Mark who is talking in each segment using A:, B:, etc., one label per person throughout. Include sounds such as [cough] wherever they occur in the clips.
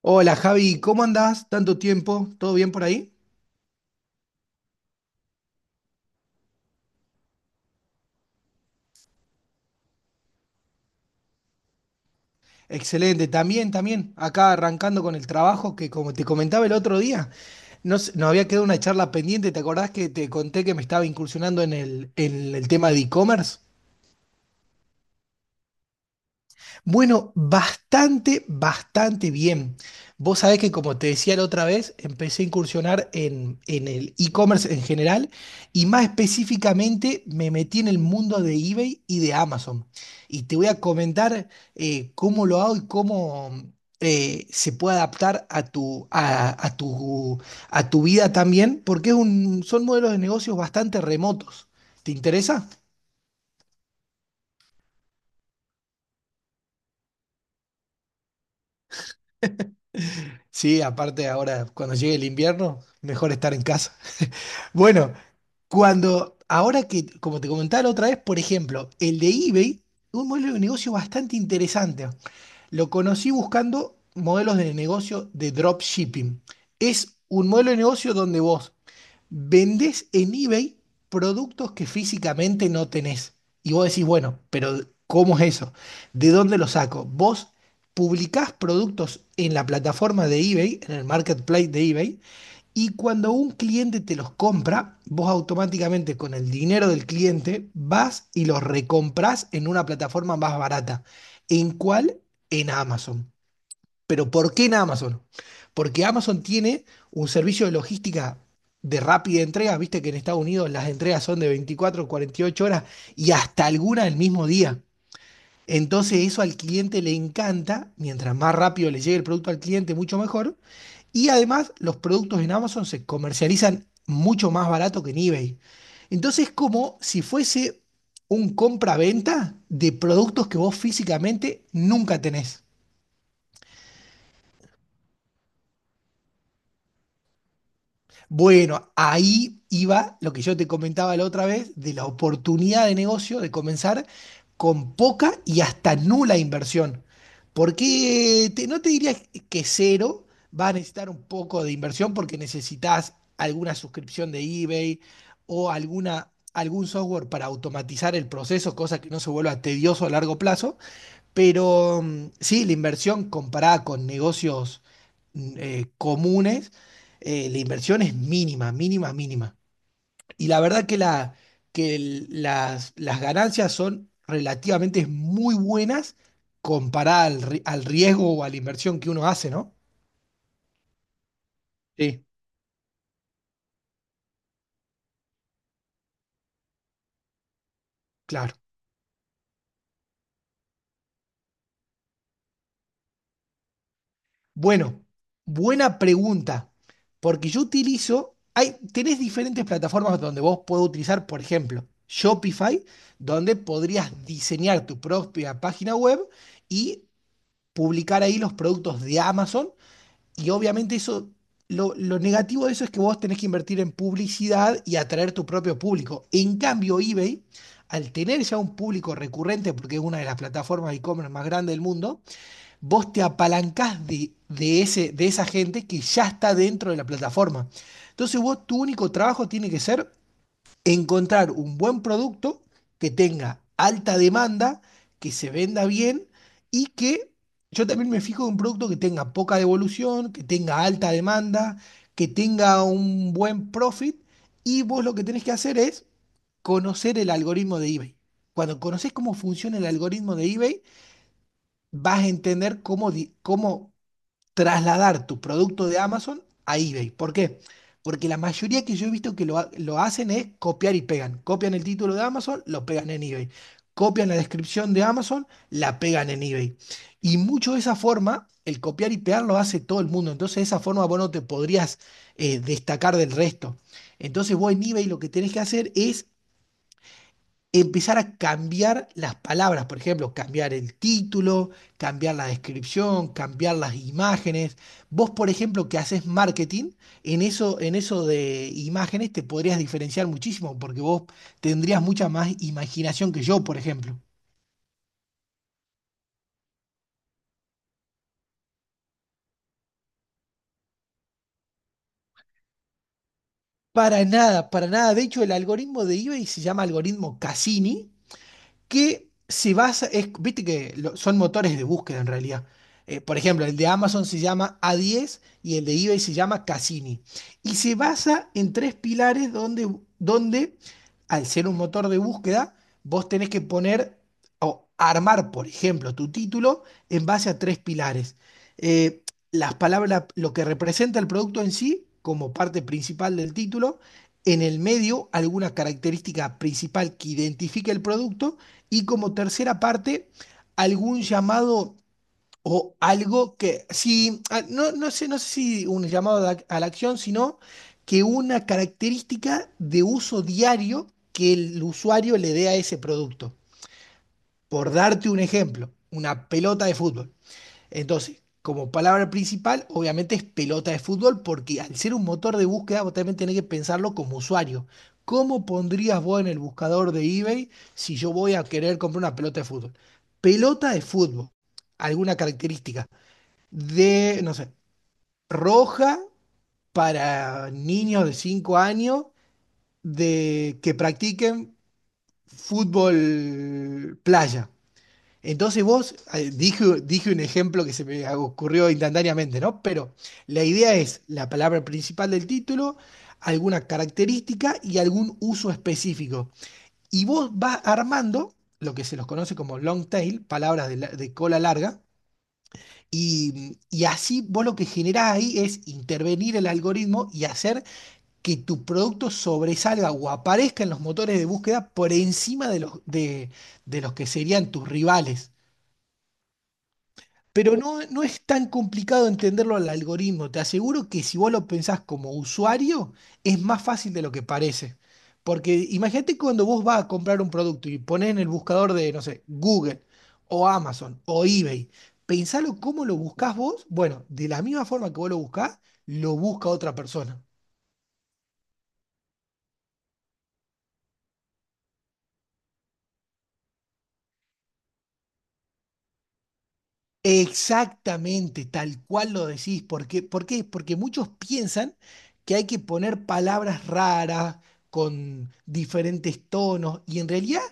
A: Hola Javi, ¿cómo andás? ¿Tanto tiempo? ¿Todo bien por ahí? Excelente, también, también. Acá arrancando con el trabajo que, como te comentaba el otro día, nos había quedado una charla pendiente. ¿Te acordás que te conté que me estaba incursionando en el tema de e-commerce? Bueno, bastante, bastante bien. Vos sabés que, como te decía la otra vez, empecé a incursionar en el e-commerce en general, y más específicamente me metí en el mundo de eBay y de Amazon. Y te voy a comentar cómo lo hago y cómo se puede adaptar a tu vida también, porque son modelos de negocios bastante remotos. ¿Te interesa? Sí, aparte ahora cuando llegue el invierno, mejor estar en casa. Bueno, como te comentaba la otra vez, por ejemplo, el de eBay, un modelo de negocio bastante interesante. Lo conocí buscando modelos de negocio de dropshipping. Es un modelo de negocio donde vos vendés en eBay productos que físicamente no tenés. Y vos decís: bueno, pero ¿cómo es eso? ¿De dónde lo saco? Vos publicás productos en la plataforma de eBay, en el marketplace de eBay, y cuando un cliente te los compra, vos automáticamente con el dinero del cliente vas y los recompras en una plataforma más barata. ¿En cuál? En Amazon. ¿Pero por qué en Amazon? Porque Amazon tiene un servicio de logística de rápida entrega. Viste que en Estados Unidos las entregas son de 24, 48 horas y hasta alguna el mismo día. Entonces eso al cliente le encanta; mientras más rápido le llegue el producto al cliente, mucho mejor. Y además los productos en Amazon se comercializan mucho más barato que en eBay. Entonces es como si fuese un compra-venta de productos que vos físicamente nunca tenés. Bueno, ahí iba lo que yo te comentaba la otra vez, de la oportunidad de negocio de comenzar con poca y hasta nula inversión. Porque no te diría que cero, va a necesitar un poco de inversión, porque necesitas alguna suscripción de eBay o algún software para automatizar el proceso, cosa que no se vuelva tedioso a largo plazo. Pero sí, la inversión comparada con negocios comunes, la inversión es mínima, mínima, mínima. Y la verdad que, la, que el- las ganancias son relativamente muy buenas comparada al riesgo o a la inversión que uno hace, ¿no? Sí. Claro. Bueno, buena pregunta. Porque yo utilizo, tenés diferentes plataformas donde vos podés utilizar, por ejemplo, Shopify, donde podrías diseñar tu propia página web y publicar ahí los productos de Amazon. Y obviamente eso, lo negativo de eso es que vos tenés que invertir en publicidad y atraer tu propio público. En cambio, eBay, al tener ya un público recurrente, porque es una de las plataformas de e-commerce más grandes del mundo, vos te apalancás de esa gente que ya está dentro de la plataforma. Entonces vos, tu único trabajo tiene que ser encontrar un buen producto que tenga alta demanda, que se venda bien, y que... yo también me fijo en un producto que tenga poca devolución, que tenga alta demanda, que tenga un buen profit. Y vos lo que tenés que hacer es conocer el algoritmo de eBay. Cuando conoces cómo funciona el algoritmo de eBay, vas a entender cómo trasladar tu producto de Amazon a eBay. ¿Por qué? Porque la mayoría que yo he visto que lo hacen es copiar y pegan. Copian el título de Amazon, lo pegan en eBay. Copian la descripción de Amazon, la pegan en eBay. Y mucho de esa forma, el copiar y pegar, lo hace todo el mundo. Entonces, de esa forma, vos no te podrías destacar del resto. Entonces, vos en eBay lo que tenés que hacer es empezar a cambiar las palabras; por ejemplo, cambiar el título, cambiar la descripción, cambiar las imágenes. Vos, por ejemplo, que haces marketing, en eso de imágenes te podrías diferenciar muchísimo, porque vos tendrías mucha más imaginación que yo, por ejemplo. Para nada, para nada. De hecho, el algoritmo de eBay se llama algoritmo Cassini, que viste que son motores de búsqueda en realidad. Por ejemplo, el de Amazon se llama A10 y el de eBay se llama Cassini. Y se basa en tres pilares, donde, donde al ser un motor de búsqueda, vos tenés que poner o armar, por ejemplo, tu título en base a tres pilares. Eh, las palabras, lo que representa el producto en sí, como parte principal del título; en el medio, alguna característica principal que identifique el producto; y como tercera parte, algún llamado, o algo que... no, no sé si un llamado a la, acción, sino que una característica de uso diario que el usuario le dé a ese producto. Por darte un ejemplo, una pelota de fútbol. Entonces, como palabra principal, obviamente es pelota de fútbol, porque al ser un motor de búsqueda, vos también tenés que pensarlo como usuario. ¿Cómo pondrías vos en el buscador de eBay si yo voy a querer comprar una pelota de fútbol? Pelota de fútbol, alguna característica de, no sé, roja, para niños de 5 años de que practiquen fútbol playa. Entonces vos, dije un ejemplo que se me ocurrió instantáneamente, ¿no? Pero la idea es la palabra principal del título, alguna característica y algún uso específico. Y vos vas armando lo que se los conoce como long tail, palabras de cola larga, y así vos lo que generás ahí es intervenir el algoritmo y hacer que tu producto sobresalga o aparezca en los motores de búsqueda por encima de los que serían tus rivales. Pero no, no es tan complicado entenderlo, al algoritmo. Te aseguro que si vos lo pensás como usuario, es más fácil de lo que parece. Porque imagínate cuando vos vas a comprar un producto y pones en el buscador de, no sé, Google o Amazon o eBay, pensalo cómo lo buscás vos. Bueno, de la misma forma que vos lo buscás, lo busca otra persona. Exactamente, tal cual lo decís. ¿Por qué? ¿Por qué? Porque muchos piensan que hay que poner palabras raras, con diferentes tonos, y en realidad...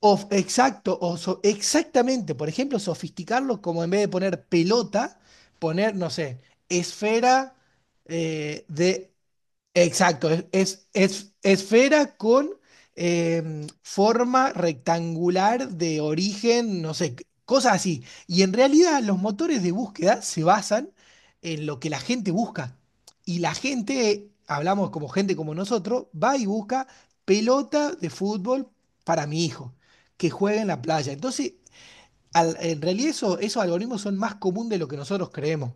A: exactamente, por ejemplo, sofisticarlo, como en vez de poner pelota, poner, no sé, esfera. De Exacto, es- Esfera con forma rectangular de origen, no sé, cosas así. Y en realidad los motores de búsqueda se basan en lo que la gente busca. Y la gente, hablamos como gente como nosotros, va y busca pelota de fútbol para mi hijo, que juegue en la playa. Entonces, en realidad esos algoritmos son más común de lo que nosotros creemos.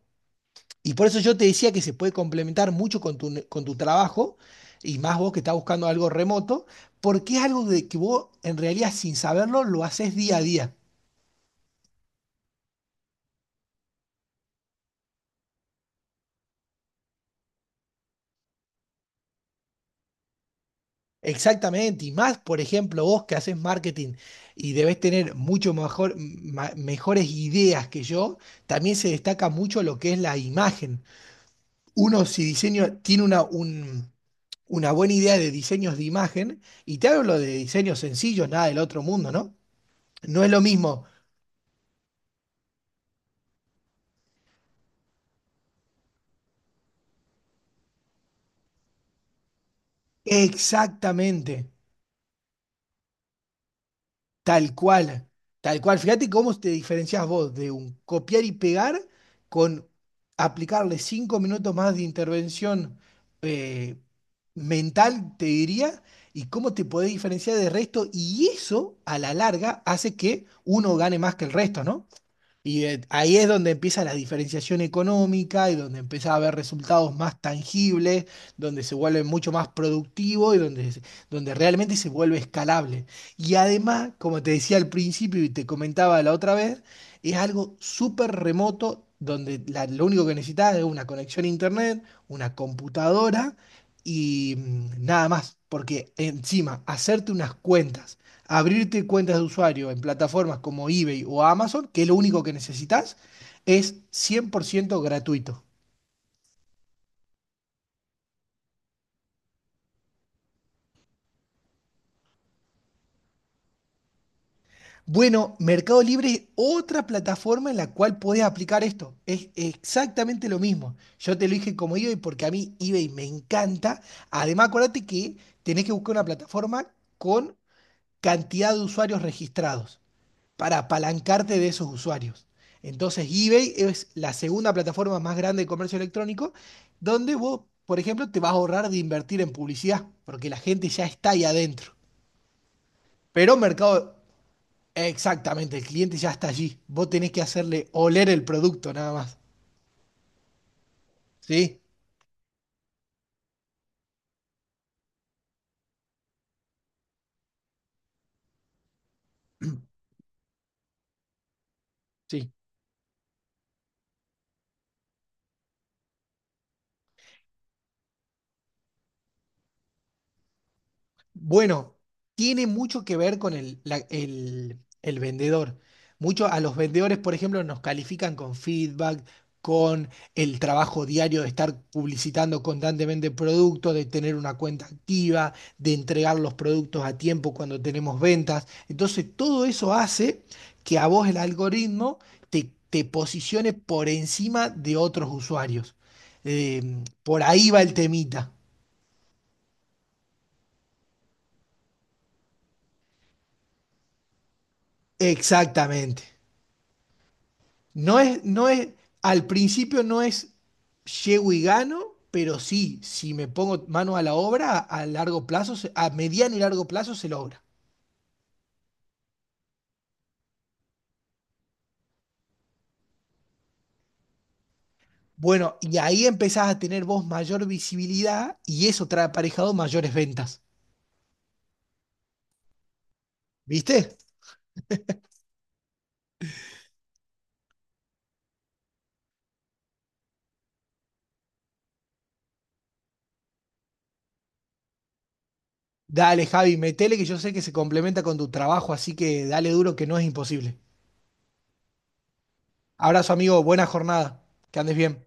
A: Y por eso yo te decía que se puede complementar mucho con tu trabajo, y más vos que estás buscando algo remoto, porque es algo de que vos en realidad, sin saberlo, lo haces día a día. Exactamente, y más, por ejemplo, vos que haces marketing y debes tener mucho mejor, mejores ideas que yo. También se destaca mucho lo que es la imagen. Uno, si diseño, tiene una buena idea de diseños de imagen, y te hablo de diseños sencillos, nada del otro mundo, ¿no? No es lo mismo. Exactamente, tal cual, tal cual. Fíjate cómo te diferencias vos de un copiar y pegar con aplicarle 5 minutos más de intervención eh, mental, te diría, y cómo te podés diferenciar del resto. Y eso, a la larga, hace que uno gane más que el resto, ¿no? Y ahí es donde empieza la diferenciación económica, y donde empieza a haber resultados más tangibles, donde se vuelve mucho más productivo y donde realmente se vuelve escalable. Y además, como te decía al principio y te comentaba la otra vez, es algo súper remoto, donde lo único que necesitas es una conexión a internet, una computadora y nada más. Porque, encima, hacerte unas cuentas, abrirte cuentas de usuario en plataformas como eBay o Amazon, que es lo único que necesitas, es 100% gratuito. Bueno, Mercado Libre es otra plataforma en la cual podés aplicar esto. Es exactamente lo mismo. Yo te lo dije como eBay porque a mí eBay me encanta. Además, acuérdate que tenés que buscar una plataforma con cantidad de usuarios registrados, para apalancarte de esos usuarios. Entonces, eBay es la segunda plataforma más grande de comercio electrónico, donde vos, por ejemplo, te vas a ahorrar de invertir en publicidad, porque la gente ya está ahí adentro. Pero mercado, exactamente, el cliente ya está allí. Vos tenés que hacerle oler el producto, nada más. ¿Sí? [clears throat] Sí. Bueno, tiene mucho que ver con el vendedor. Mucho a los vendedores, por ejemplo, nos califican con feedback, con el trabajo diario de estar publicitando constantemente productos, de tener una cuenta activa, de entregar los productos a tiempo cuando tenemos ventas. Entonces, todo eso hace que a vos el algoritmo te posicione por encima de otros usuarios. Eh, por ahí va el temita. Exactamente. No es, no es, al principio no es llego y gano, pero sí, si me pongo mano a la obra, a largo plazo, a mediano y largo plazo, se logra. Bueno, y ahí empezás a tener vos mayor visibilidad, y eso trae aparejado mayores ventas. ¿Viste? Dale, Javi, metele, que yo sé que se complementa con tu trabajo, así que dale duro, que no es imposible. Abrazo, amigo, buena jornada. Que andes bien.